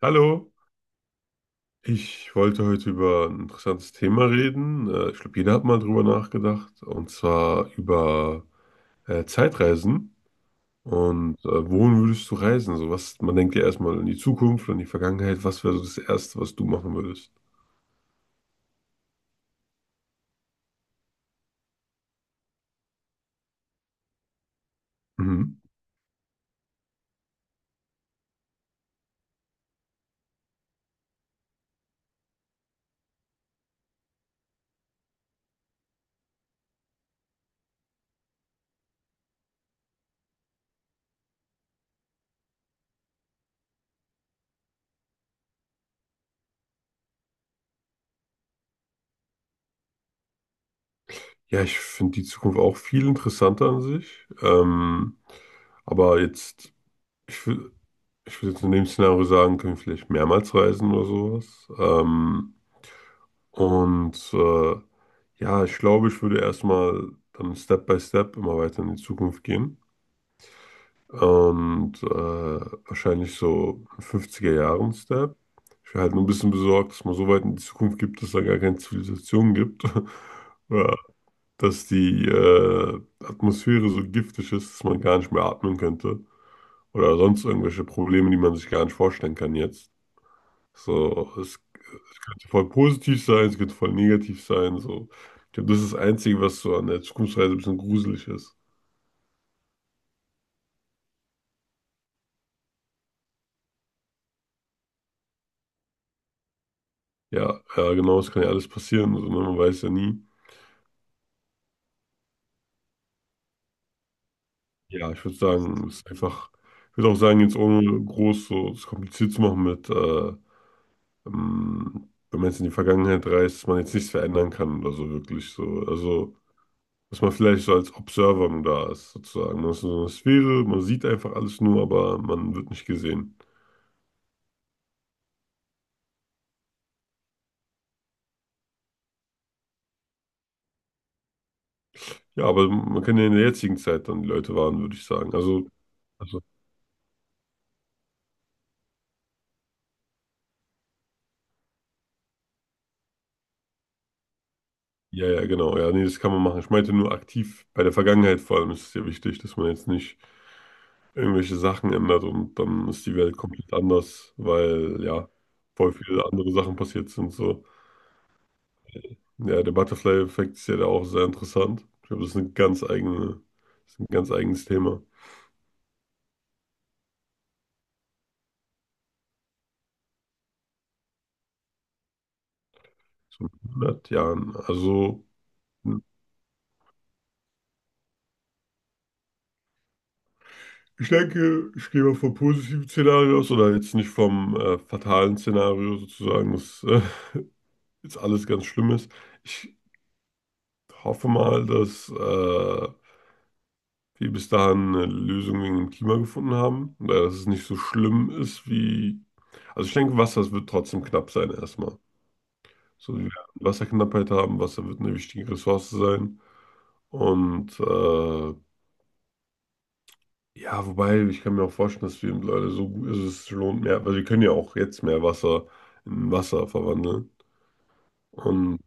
Hallo, ich wollte heute über ein interessantes Thema reden. Ich glaube, jeder hat mal drüber nachgedacht, und zwar über Zeitreisen. Und wohin würdest du reisen? So was, man denkt ja erstmal in die Zukunft, in die Vergangenheit. Was wäre so das Erste, was du machen würdest? Mhm. Ja, ich finde die Zukunft auch viel interessanter an sich. Aber jetzt, ich will, ich würde jetzt in dem Szenario sagen, können wir vielleicht mehrmals reisen oder sowas. Und äh, ja, ich glaube, ich würde erstmal dann Step by Step immer weiter in die Zukunft gehen. Und wahrscheinlich so 50er Jahren Step. Ich wäre halt nur ein bisschen besorgt, dass man so weit in die Zukunft gibt, dass da gar keine Zivilisation gibt. Oder dass die Atmosphäre so giftig ist, dass man gar nicht mehr atmen könnte. Oder sonst irgendwelche Probleme, die man sich gar nicht vorstellen kann jetzt. So, es kann voll positiv sein, es kann voll negativ sein. So. Ich glaube, das ist das Einzige, was so an der Zukunftsreise ein bisschen gruselig ist. Ja, ja, genau, es kann ja alles passieren. Also, ne, man weiß ja nie. Ja, ich würde sagen, es ist einfach, ich würde auch sagen, jetzt ohne groß so es kompliziert zu machen mit, wenn man jetzt in die Vergangenheit reist, dass man jetzt nichts verändern kann oder so wirklich so. Also, dass man vielleicht so als Observer nur da ist, sozusagen. Man ist in so einer Sphäre, man sieht einfach alles nur, aber man wird nicht gesehen. Ja, aber man kann ja in der jetzigen Zeit dann die Leute warnen, würde ich sagen. Also, ja, ja, genau. Ja, nee, das kann man machen. Ich meinte nur aktiv bei der Vergangenheit vor allem ist es ja wichtig, dass man jetzt nicht irgendwelche Sachen ändert und dann ist die Welt komplett anders, weil ja, voll viele andere Sachen passiert sind. So, ja, der Butterfly-Effekt ist ja da auch sehr interessant. Ich glaube, das ist ein ganz eigenes Thema. So in 100 Jahren. Also. Ich denke, ich gehe mal vom positiven Szenario aus oder jetzt nicht vom fatalen Szenario sozusagen, dass jetzt alles ganz schlimm ist. Ich hoffe mal, dass wir bis dahin eine Lösung wegen dem Klima gefunden haben oder dass es nicht so schlimm ist wie. Also ich denke, Wasser es wird trotzdem knapp sein erstmal. So, wir werden Wasserknappheit haben, Wasser wird eine wichtige Ressource sein und ja, wobei, ich kann mir auch vorstellen, dass wir Leute so gut, also es lohnt mehr, weil wir können ja auch jetzt mehr Wasser in Wasser verwandeln. Und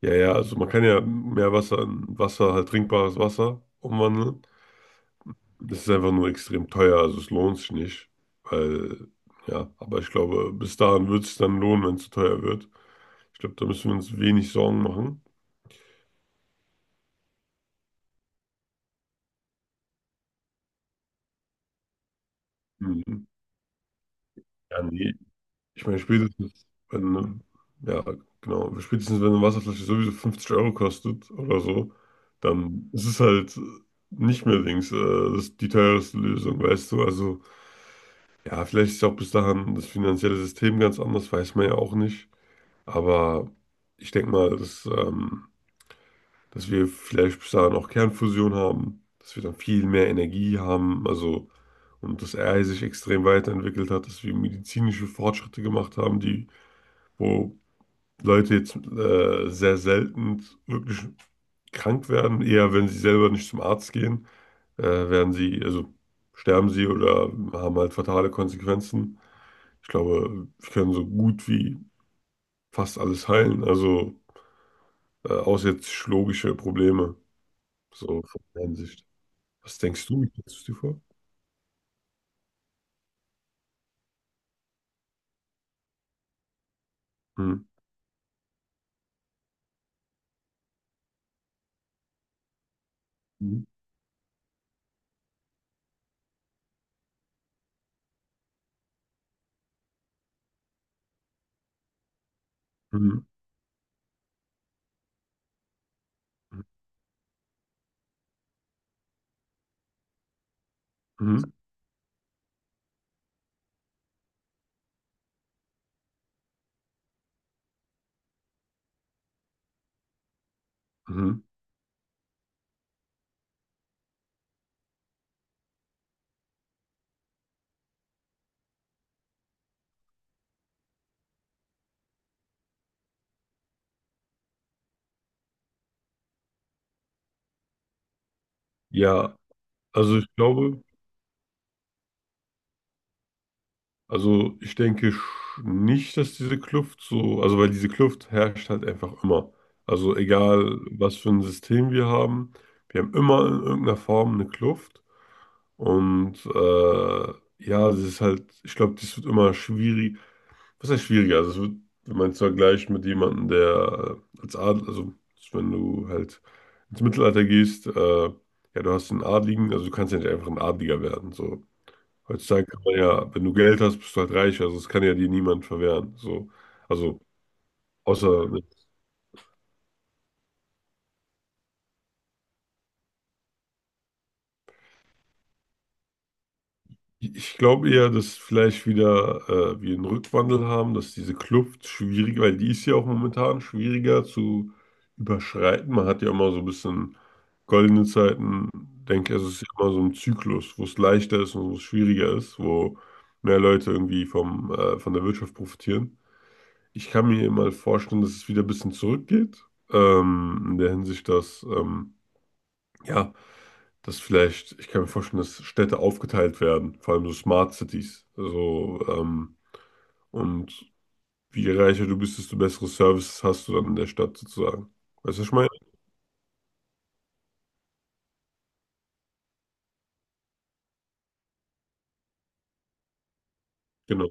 ja, ja, also man kann ja mehr Wasser in Wasser, halt trinkbares Wasser umwandeln. Das ist einfach nur extrem teuer, also es lohnt sich nicht. Weil, ja, aber ich glaube, bis dahin wird es dann lohnen, wenn es zu teuer wird. Ich glaube, da müssen wir uns wenig Sorgen machen. Mhm. Ja, nee, ich meine, spätestens, wenn, ne, ja, genau, spätestens, wenn eine Wasserflasche sowieso 50 Euro kostet oder so, dann ist es halt nicht mehr links, das ist die teuerste Lösung, weißt du? Also, ja, vielleicht ist auch bis dahin das finanzielle System ganz anders, weiß man ja auch nicht. Aber ich denke mal, dass, dass wir vielleicht bis dahin auch Kernfusion haben, dass wir dann viel mehr Energie haben, also, und dass AI sich extrem weiterentwickelt hat, dass wir medizinische Fortschritte gemacht haben, die wo Leute jetzt sehr selten wirklich krank werden. Eher, wenn sie selber nicht zum Arzt gehen, werden sie, also sterben sie oder haben halt fatale Konsequenzen. Ich glaube, wir können so gut wie fast alles heilen. Also außer jetzt psychologische Probleme, so von der Hinsicht. Was denkst du? Wie stellst du es dir vor? Hm. Mhm. Mhm. Mhm. Mhm. Ja, also ich glaube. Also ich denke nicht, dass diese Kluft so, also weil diese Kluft herrscht halt einfach immer. Also egal, was für ein System wir haben immer in irgendeiner Form eine Kluft. Und ja, das ist halt, ich glaube, das wird immer schwierig. Was heißt schwieriger? Also es wird, wenn man es vergleicht mit jemandem, der als Adel, also wenn du halt ins Mittelalter gehst, ja, du hast einen Adligen, also du kannst ja nicht einfach ein Adliger werden. So, heutzutage kann man ja, wenn du Geld hast, bist du halt reich. Also das kann ja dir niemand verwehren. So. Also außer, ich glaube eher, dass vielleicht wieder wir einen Rückwandel haben, dass diese Kluft schwierig, weil die ist ja auch momentan schwieriger zu überschreiten. Man hat ja immer so ein bisschen goldene Zeiten, denke ich, es ist ja immer so ein Zyklus, wo es leichter ist und wo es schwieriger ist, wo mehr Leute irgendwie von der Wirtschaft profitieren. Ich kann mir mal vorstellen, dass es wieder ein bisschen zurückgeht. In der Hinsicht, ja, dass vielleicht, ich kann mir vorstellen, dass Städte aufgeteilt werden, vor allem so Smart Cities. Also, und je reicher du bist, desto bessere Services hast du dann in der Stadt sozusagen. Weißt du, was ich meine? Genau.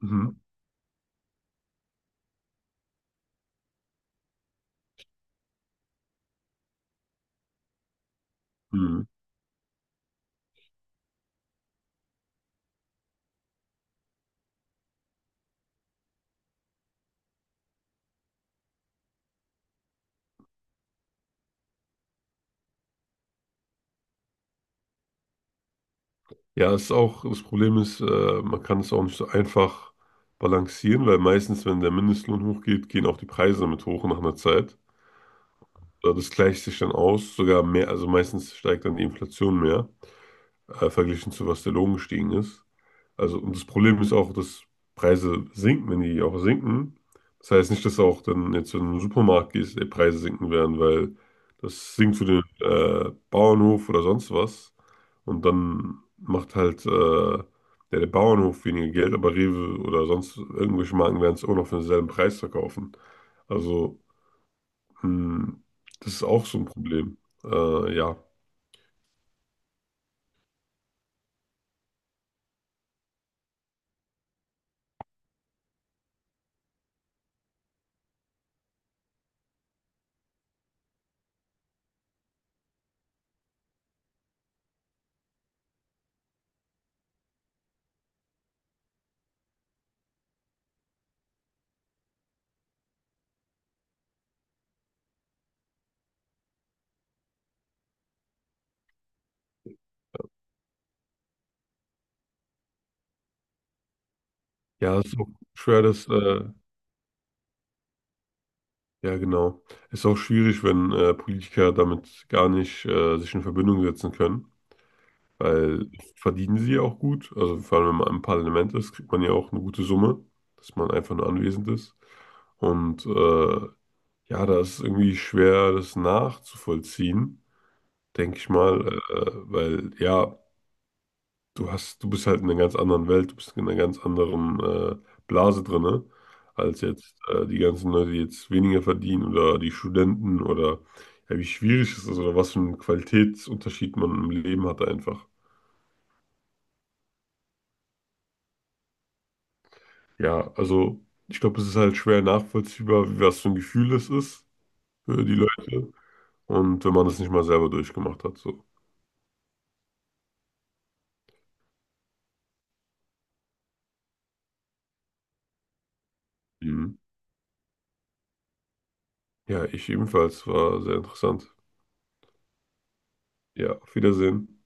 Mhm. Mhm. Ja, es ist auch, das Problem ist, man kann es auch nicht so einfach balancieren, weil meistens, wenn der Mindestlohn hochgeht, gehen auch die Preise damit hoch nach einer Zeit. Ja, das gleicht sich dann aus, sogar mehr, also meistens steigt dann die Inflation mehr, verglichen zu was der Lohn gestiegen ist. Also, und das Problem ist auch, dass Preise sinken, wenn die auch sinken. Das heißt nicht, dass auch dann jetzt, wenn du in den Supermarkt gehst, die Preise sinken werden, weil das sinkt für den Bauernhof oder sonst was. Und dann macht halt ja, der Bauernhof weniger Geld, aber Rewe oder sonst irgendwelche Marken werden es auch noch für denselben Preis verkaufen. Also. Hm, das ist auch so ein Problem. Ja. Ja, es ist auch schwer, dass ja genau. Es ist auch schwierig, wenn, Politiker damit gar nicht, sich in Verbindung setzen können, weil verdienen sie ja auch gut. Also, vor allem, wenn man im Parlament ist, kriegt man ja auch eine gute Summe, dass man einfach nur anwesend ist. Und, ja, da ist es irgendwie schwer, das nachzuvollziehen, denke ich mal, weil ja du hast, du bist halt in einer ganz anderen Welt, du bist in einer ganz anderen Blase drinne, als jetzt die ganzen Leute, die jetzt weniger verdienen oder die Studenten oder ja, wie schwierig es ist oder was für einen Qualitätsunterschied man im Leben hat einfach. Ja, also ich glaube, es ist halt schwer nachvollziehbar, was für ein Gefühl es ist für die Leute und wenn man das nicht mal selber durchgemacht hat, so. Mhm. Ja, ich ebenfalls, war sehr interessant. Ja, auf Wiedersehen.